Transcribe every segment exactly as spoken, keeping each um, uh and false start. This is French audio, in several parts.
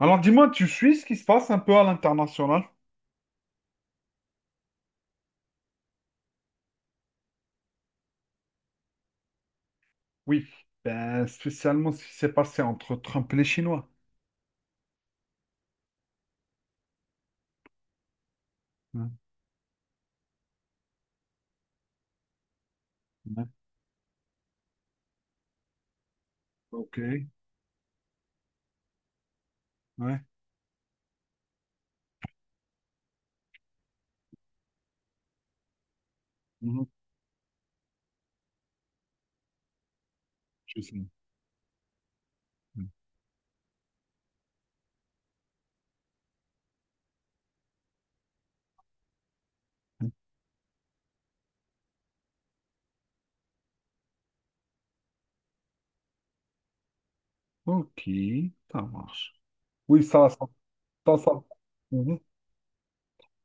Alors dis-moi, tu suis ce qui se passe un peu à l'international? Oui, ben, spécialement ce qui s'est passé entre Trump et les Chinois. Ouais, ouais. Ok, ouais. Mhm, je sais. Mm. Ok, ça marche. Oui, ça, ça, ça, ça, Mhm.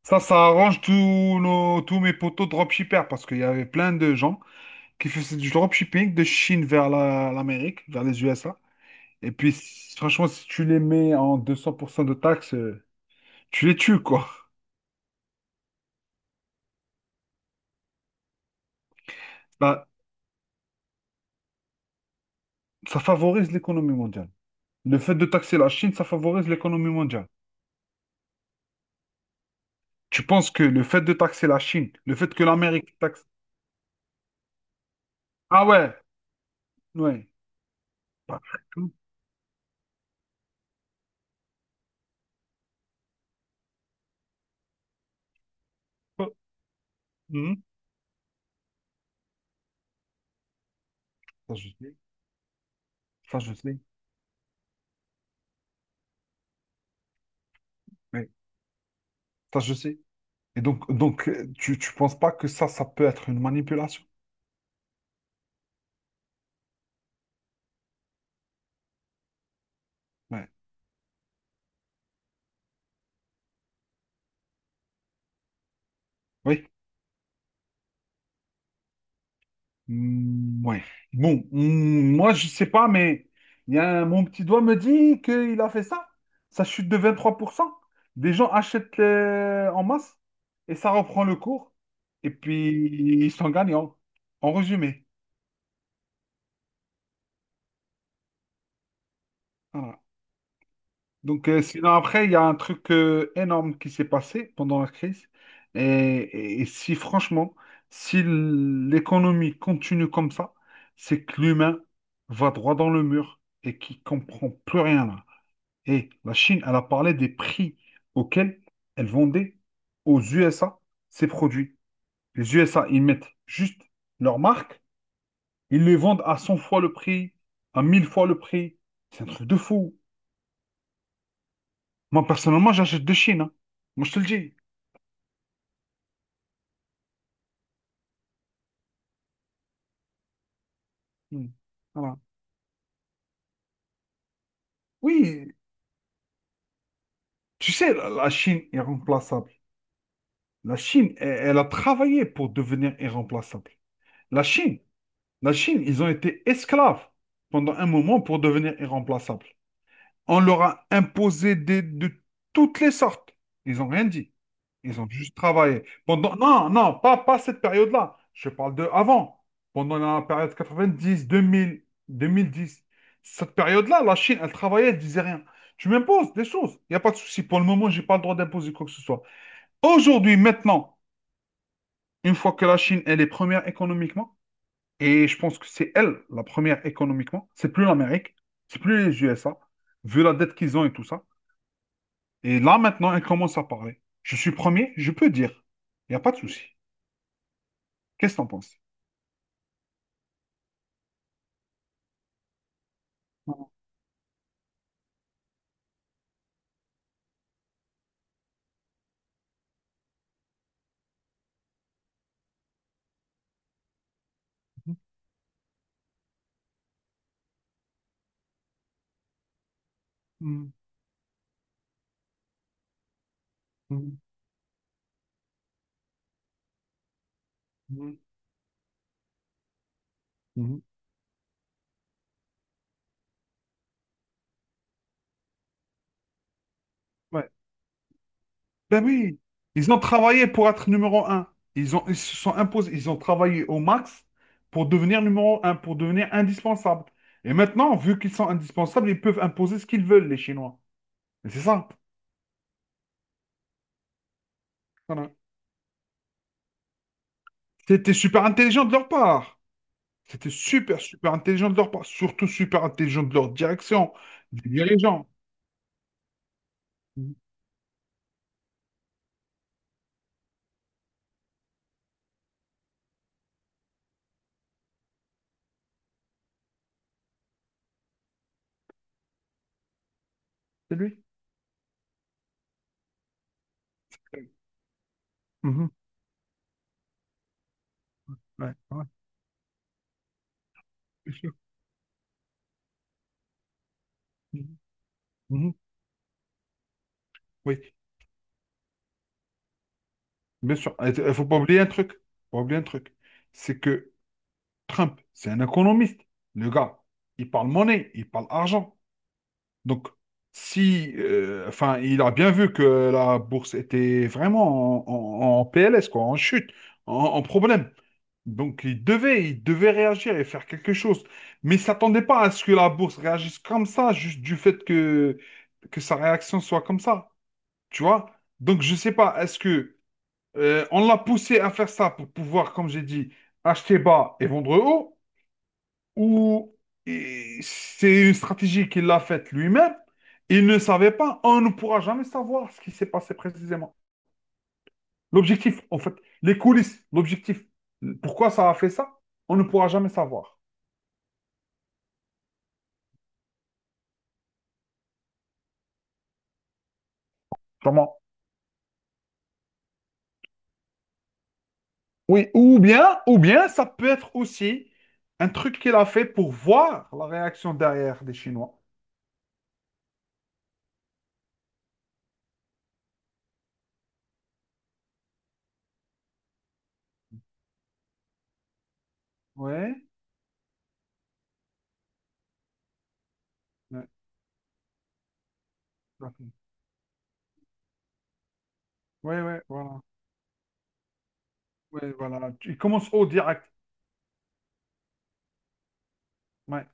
Ça, ça arrange tous nos, tous mes potos dropshippers parce qu'il y avait plein de gens qui faisaient du dropshipping de Chine vers la- l'Amérique, vers les U S A. Et puis, s- franchement, si tu les mets en deux cents pour cent de taxes, euh, tu les tues, quoi. Bah, ça favorise l'économie mondiale. Le fait de taxer la Chine, ça favorise l'économie mondiale. Tu penses que le fait de taxer la Chine, le fait que l'Amérique taxe... Ah ouais, ouais. Bah, tout- Mhm. Ça, je sais. Ça, je sais. Ouais. Ça, je sais. Et donc, donc euh, tu ne penses pas que ça, ça peut être une manipulation? Ouais. Oui. Hmm, ouais. Bon, hmm, moi, je sais pas, mais il y a un- mon petit doigt me dit qu'il a fait ça. Ça chute de vingt-trois pour cent. Des gens achètent euh, en masse et ça reprend le cours. Et puis, ils sont gagnants, en résumé. Voilà. Donc, euh, sinon, après, il y a un truc euh, énorme qui s'est passé pendant la crise. Et, et- et si, franchement, si l'économie continue comme ça, c'est que l'humain va droit dans le mur et qui comprend plus rien là. Et la Chine, elle a parlé des prix auxquels elle vendait aux U S A ses produits. Les U S A, ils mettent juste leur marque, ils les vendent à cent fois le prix, à mille fois le prix. C'est un truc de fou. Moi, personnellement, j'achète de Chine. hein. Moi, je te le dis. Mm. Voilà. Oui, tu sais, la la Chine est remplaçable. La Chine, elle, elle a travaillé pour devenir irremplaçable. La Chine, la Chine, ils ont été esclaves pendant un moment pour devenir irremplaçables. On leur a imposé des- de toutes les sortes. Ils n'ont rien dit. Ils ont juste travaillé. Pendant... Non, non, pas, pas cette période-là. Je parle de avant. Pendant la période quatre-vingt-dix, deux mille, deux mille dix. Cette période-là, la Chine, elle travaillait, elle disait rien. Tu m'imposes des choses. Il n'y a pas de souci. Pour le moment, je n'ai pas le droit d'imposer quoi que ce soit. Aujourd'hui, maintenant, une fois que la Chine, elle est première économiquement, et je pense que c'est elle la première économiquement, c'est plus l'Amérique, c'est plus les U S A, vu la dette qu'ils ont et tout ça. Et là, maintenant, elle commence à parler. Je suis premier, je peux dire. Il n'y a pas de souci. Qu'est-ce que t'en penses? Mhm, mhm, mhm, mhm. mhm. Ouais. Ben oui, ils ont travaillé pour être numéro un. Ils ont, ils se sont imposés, ils ont travaillé au max pour devenir numéro un, pour devenir indispensables. Et maintenant, vu qu'ils sont indispensables, ils peuvent imposer ce qu'ils veulent, les Chinois. Et c'est ça. Voilà. C'était super intelligent de leur part. C'était super, super intelligent de leur part. Surtout super intelligent de leur direction, des dirigeants. C'est lui? Mhm. Ouais, ouais, bien sûr. Mhm. Mhm. Oui, bien sûr. Il ne faut pas oublier un truc. Faut pas oublier un truc. C'est que Trump, c'est un économiste. Le gars, il parle monnaie, il parle argent. Donc, si, euh, enfin, il a bien vu que la bourse était vraiment en, en- en P L S, quoi, en chute, en, en problème. Donc, il devait, il devait réagir et faire quelque chose. Mais il ne s'attendait pas à ce que la bourse réagisse comme ça, juste du fait que, que sa réaction soit comme ça. Tu vois? Donc, je sais pas, est-ce que euh, on l'a poussé à faire ça pour pouvoir, comme j'ai dit, acheter bas et vendre haut, ou et c'est une stratégie qu'il a faite lui-même, il ne savait pas, on ne pourra jamais savoir ce qui s'est passé précisément. L'objectif, en fait, les coulisses, l'objectif, pourquoi ça a fait ça, on ne pourra jamais savoir. Comment? Oui, ou bien, ou bien, ça peut être aussi un truc qu'il a fait pour voir la réaction derrière des Chinois. Ouais. Ouais. Ouais, ouais, voilà. Ouais, voilà. Tu- Il commence au direct. Ouais.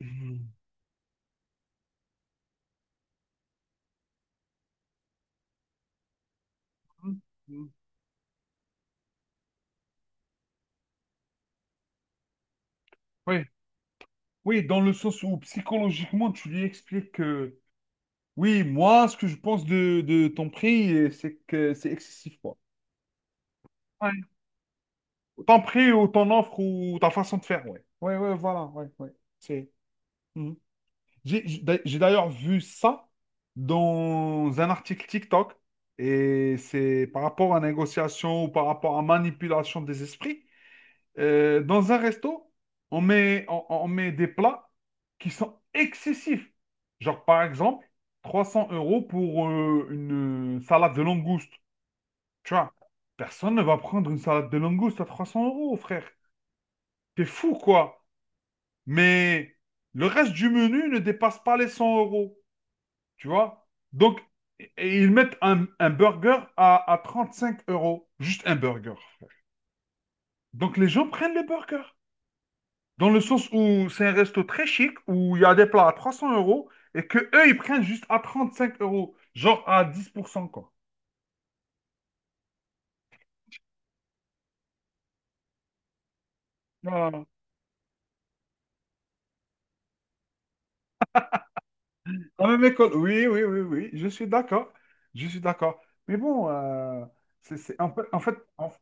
Mhm. Mhm. Mhm. Ouais. Oui, dans le sens où psychologiquement, tu lui expliques que oui, moi, ce que je pense de, de ton prix, euh, c'est que c'est excessif, quoi. Ouais. Ton prix ou ton offre ou ta façon de faire, ouais. Ouais, ouais, voilà, ouais, ouais. C'est. Mhm. J'ai j'ai d'a- j'ai d'ailleurs vu ça dans un article TikTok et c'est par rapport à négociation ou par rapport à manipulation des esprits. Euh, dans un resto, on met, on, on met des plats qui sont excessifs. Genre, par exemple, trois cents euros pour euh, une euh, salade de langoustes. Tu vois, personne ne va prendre une salade de langoustes à trois cents euros, frère. T'es fou, quoi. Mais le reste du menu ne dépasse pas les cent euros. Tu vois? Donc, et- et ils mettent un, un burger à, à cinq euros. Juste un burger, frère. Donc, les gens prennent le burger. Dans le sens où c'est un resto très chic, où il y a des plats à trois cents euros et que eux, ils prennent juste à trente-cinq euros, genre à dix pour cent, quoi. Ah, la même école, oui, oui, oui, oui, je suis d'accord. Je suis d'accord. Mais bon, euh, c'est, c'est- en fait, en fait, en-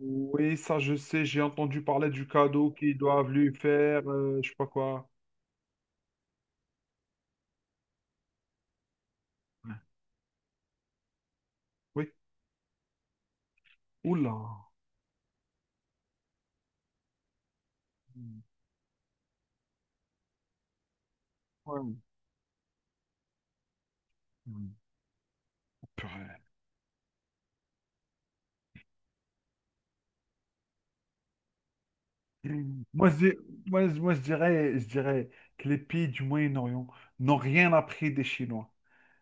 oui, ça, je sais, j'ai entendu parler du cadeau qu'ils doivent lui faire, euh, je sais pas quoi. Ouais. Oui. Oula. Ouais. Ouais. Oh, purée. Moi, je, dis- moi, je- moi, je dirais, je dirais que les pays du Moyen-Orient n'ont rien appris des Chinois.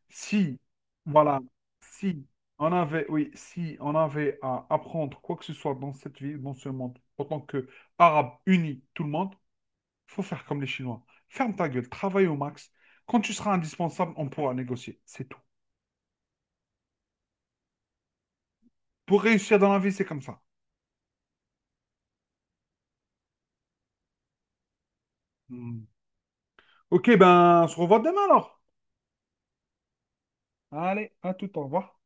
Si, voilà, si on avait, oui, si on avait à apprendre quoi que ce soit dans cette vie, dans ce monde, en tant qu'Arabes unis, tout le monde, faut faire comme les Chinois. Ferme ta gueule, travaille au max. Quand tu seras indispensable, on pourra négocier. C'est tout. Pour réussir dans la vie, c'est comme ça. Hmm. Ok, ben, on se revoit demain alors. Allez, à tout, au revoir.